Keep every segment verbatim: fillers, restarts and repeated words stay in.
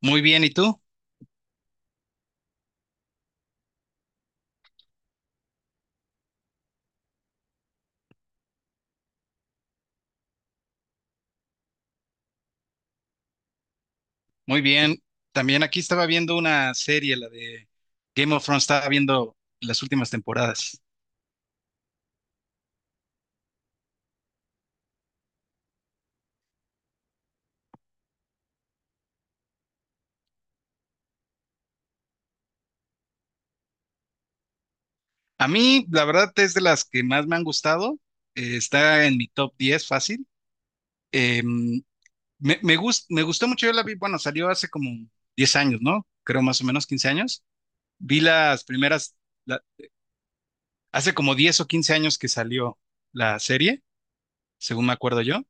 Muy bien, ¿y tú? Muy bien. También aquí estaba viendo una serie, la de Game of Thrones, estaba viendo las últimas temporadas. A mí, la verdad, es de las que más me han gustado. Eh, está en mi top diez fácil. Eh, me, me, gust- Me gustó mucho, yo la vi, bueno, salió hace como diez años, ¿no? Creo más o menos quince años. Vi las primeras, la- hace como diez o quince años que salió la serie, según me acuerdo yo.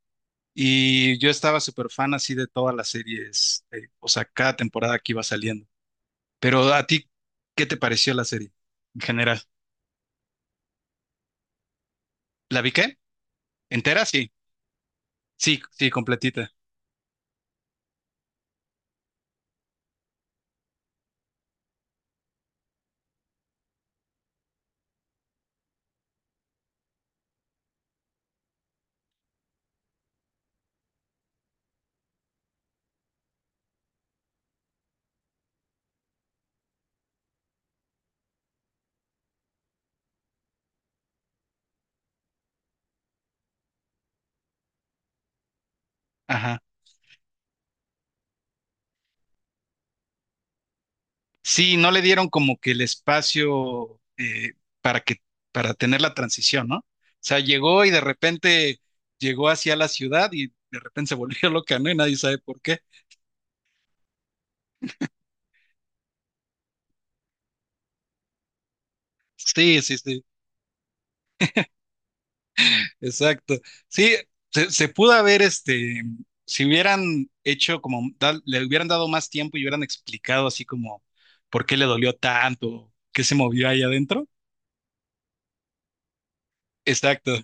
Y yo estaba súper fan así de todas las series, eh, o sea, cada temporada que iba saliendo. Pero a ti, ¿qué te pareció la serie en general? ¿La vi qué? ¿Entera? Sí, sí, sí, completita. Ajá. Sí, no le dieron como que el espacio eh, para que, para tener la transición, ¿no? O sea, llegó y de repente llegó hacia la ciudad y de repente se volvió loca, ¿no? Y nadie sabe por qué. Sí, sí, sí. Exacto. Sí, se, se pudo haber, este, si hubieran hecho como, da- le hubieran dado más tiempo y hubieran explicado así como por qué le dolió tanto, qué se movió ahí adentro. Exacto.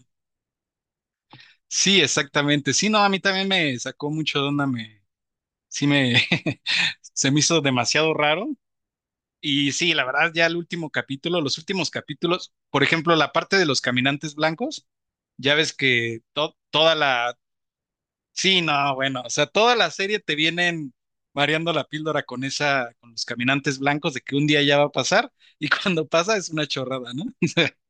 Sí, exactamente. Sí, no, a mí también me sacó mucho de onda, me, sí me, se me hizo demasiado raro. Y sí, la verdad, ya el último capítulo, los últimos capítulos, por ejemplo, la parte de los caminantes blancos, ya ves que to- toda la, sí, no, bueno, o sea, toda la serie te vienen mareando la píldora con esa, con los caminantes blancos de que un día ya va a pasar y cuando pasa es una chorrada, ¿no?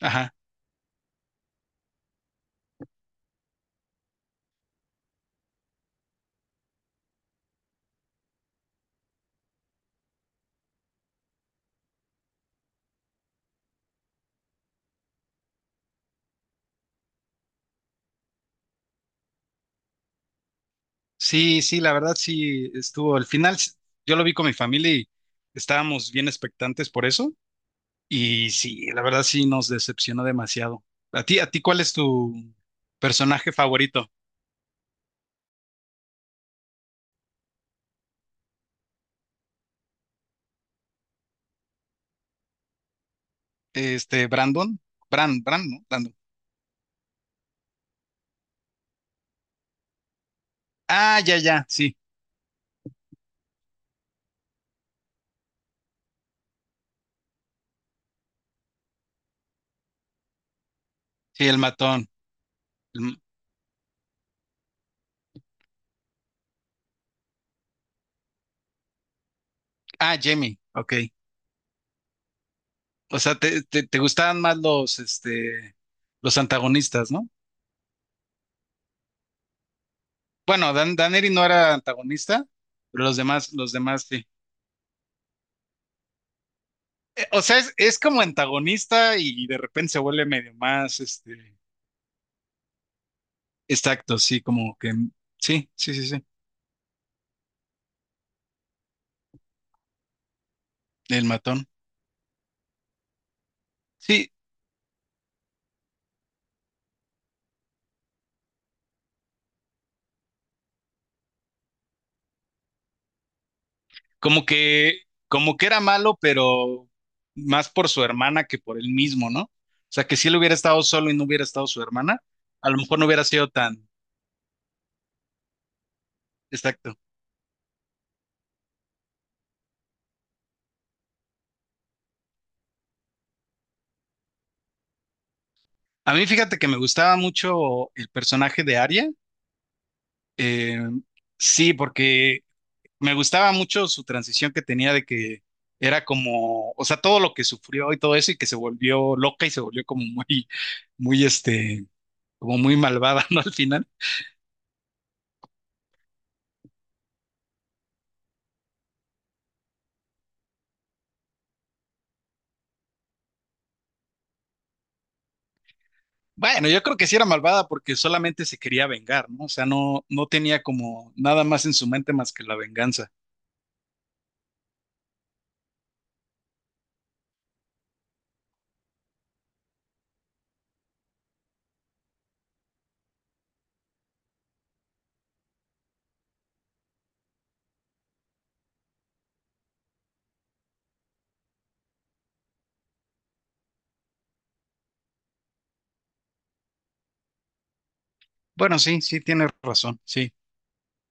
Ajá. Sí, sí, la verdad sí estuvo. Al final s- yo lo vi con mi familia y estábamos bien expectantes por eso y sí, la verdad sí nos decepcionó demasiado. ¿A ti, a ti cuál es tu personaje favorito? Este, Brandon, Brand, Brand, ¿no? Brandon. Ah, ya, ya, sí, sí, el matón. El- m- ah, Jamie, ok. O sea, te, te, te gustaban más los, este, los antagonistas, ¿no? Bueno, Dan, Daneri no era antagonista, pero los demás, los demás sí. Eh, O sea, es, es como antagonista y de repente se vuelve medio más, este, exacto, sí, como que, sí, sí, sí, sí, el matón. Sí, como que, como que era malo, pero más por su hermana que por él mismo, ¿no? O sea, que si él hubiera estado solo y no hubiera estado su hermana, a lo mejor no hubiera sido tan, exacto. A mí fíjate que me gustaba mucho el personaje de Arya. eh, sí, porque me gustaba mucho su transición que tenía de que era como, o sea, todo lo que sufrió y todo eso y que se volvió loca y se volvió como muy, muy, este, como muy malvada, ¿no? Al final. Bueno, yo creo que sí era malvada porque solamente se quería vengar, ¿no? O sea, no, no tenía como nada más en su mente más que la venganza. Bueno, sí, sí, tienes razón, sí.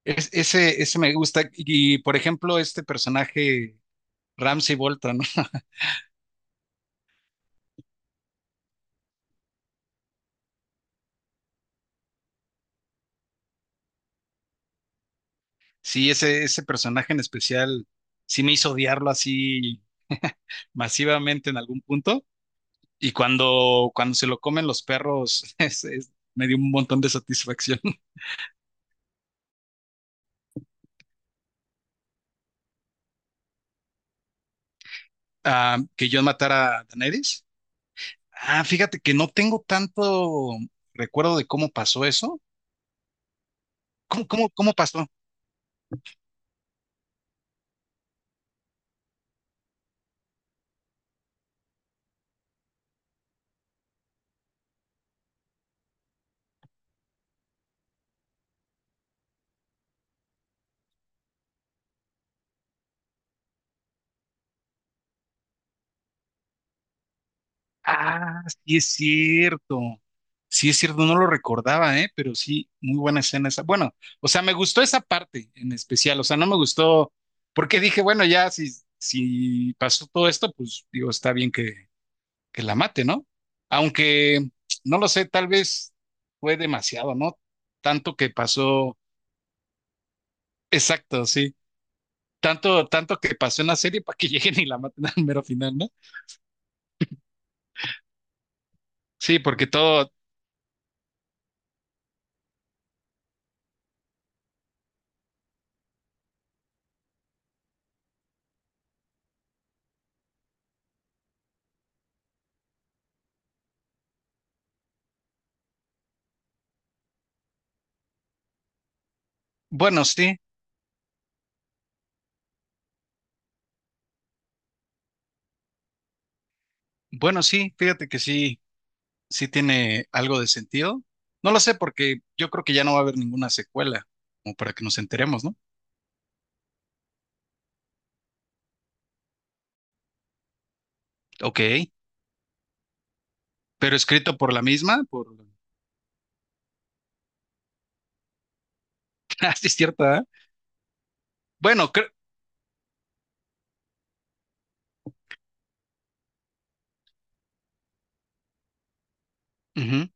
Es- ese, ese me gusta. Y, por ejemplo, este personaje Ramsey Bolton, ¿no? Sí, ese, ese personaje en especial sí me hizo odiarlo así masivamente en algún punto. Y cuando, cuando se lo comen los perros, es- es- me dio un montón de satisfacción. Ah, que yo matara a Daenerys. Ah, fíjate que no tengo tanto recuerdo de cómo pasó eso. ¿Cómo, cómo, cómo pasó? Ah, sí es cierto. Sí es cierto, no lo recordaba, ¿eh? Pero sí, muy buena escena esa. Bueno, o sea, me gustó esa parte en especial, o sea, no me gustó porque dije, bueno, ya si, si, pasó todo esto, pues digo, está bien que, que la mate, ¿no? Aunque, no lo sé, tal vez fue demasiado, ¿no? Tanto que pasó, exacto, sí. Tanto, tanto que pasó en la serie para que lleguen y la maten al mero final, ¿no? Sí, porque todo, bueno, sí, bueno, sí, fíjate que sí. Sí tiene algo de sentido. No lo sé porque yo creo que ya no va a haber ninguna secuela, como para que nos enteremos, ¿no? Ok, pero escrito por la misma, por... Ah, sí es cierta. ¿Eh? Bueno, cre- ujú.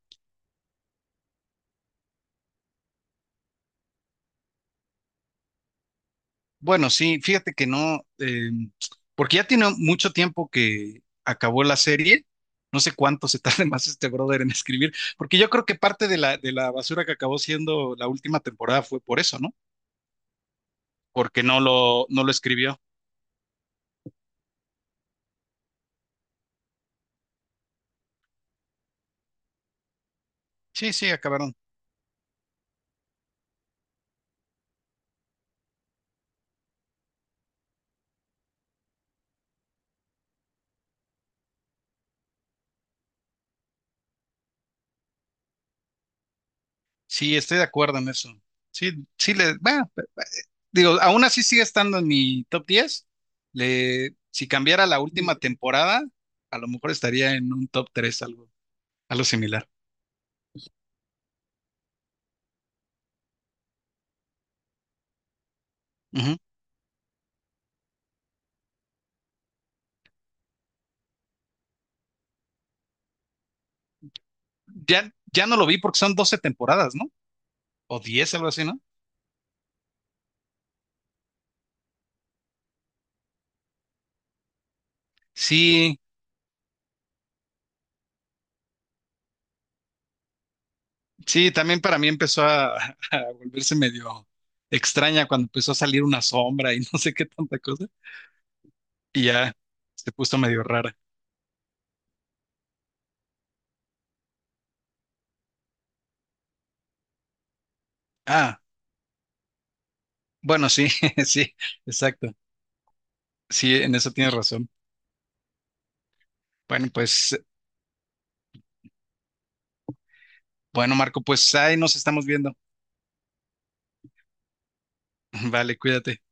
Bueno, sí, fíjate que no, eh, porque ya tiene mucho tiempo que acabó la serie. No sé cuánto se tarde más este brother en escribir, porque yo creo que parte de la, de la basura que acabó siendo la última temporada fue por eso, ¿no? Porque no lo, no lo escribió. Sí, sí, acabaron. Sí, estoy de acuerdo en eso. Sí, sí le, bueno, pe- pe- digo, aún así sigue estando en mi top diez. Le, si cambiara la última temporada, a lo mejor estaría en un top tres, algo, algo similar. Ujú. Ya, ya no lo vi porque son doce temporadas, ¿no? O diez, algo así, ¿no? Sí, sí, también para mí empezó a, a volverse medio extraña cuando empezó a salir una sombra y no sé qué tanta cosa. Y ya se puso medio rara. Ah, bueno, sí, sí, exacto. Sí, en eso tienes razón. Bueno, pues, bueno, Marco, pues ahí nos estamos viendo. Vale, cuídate.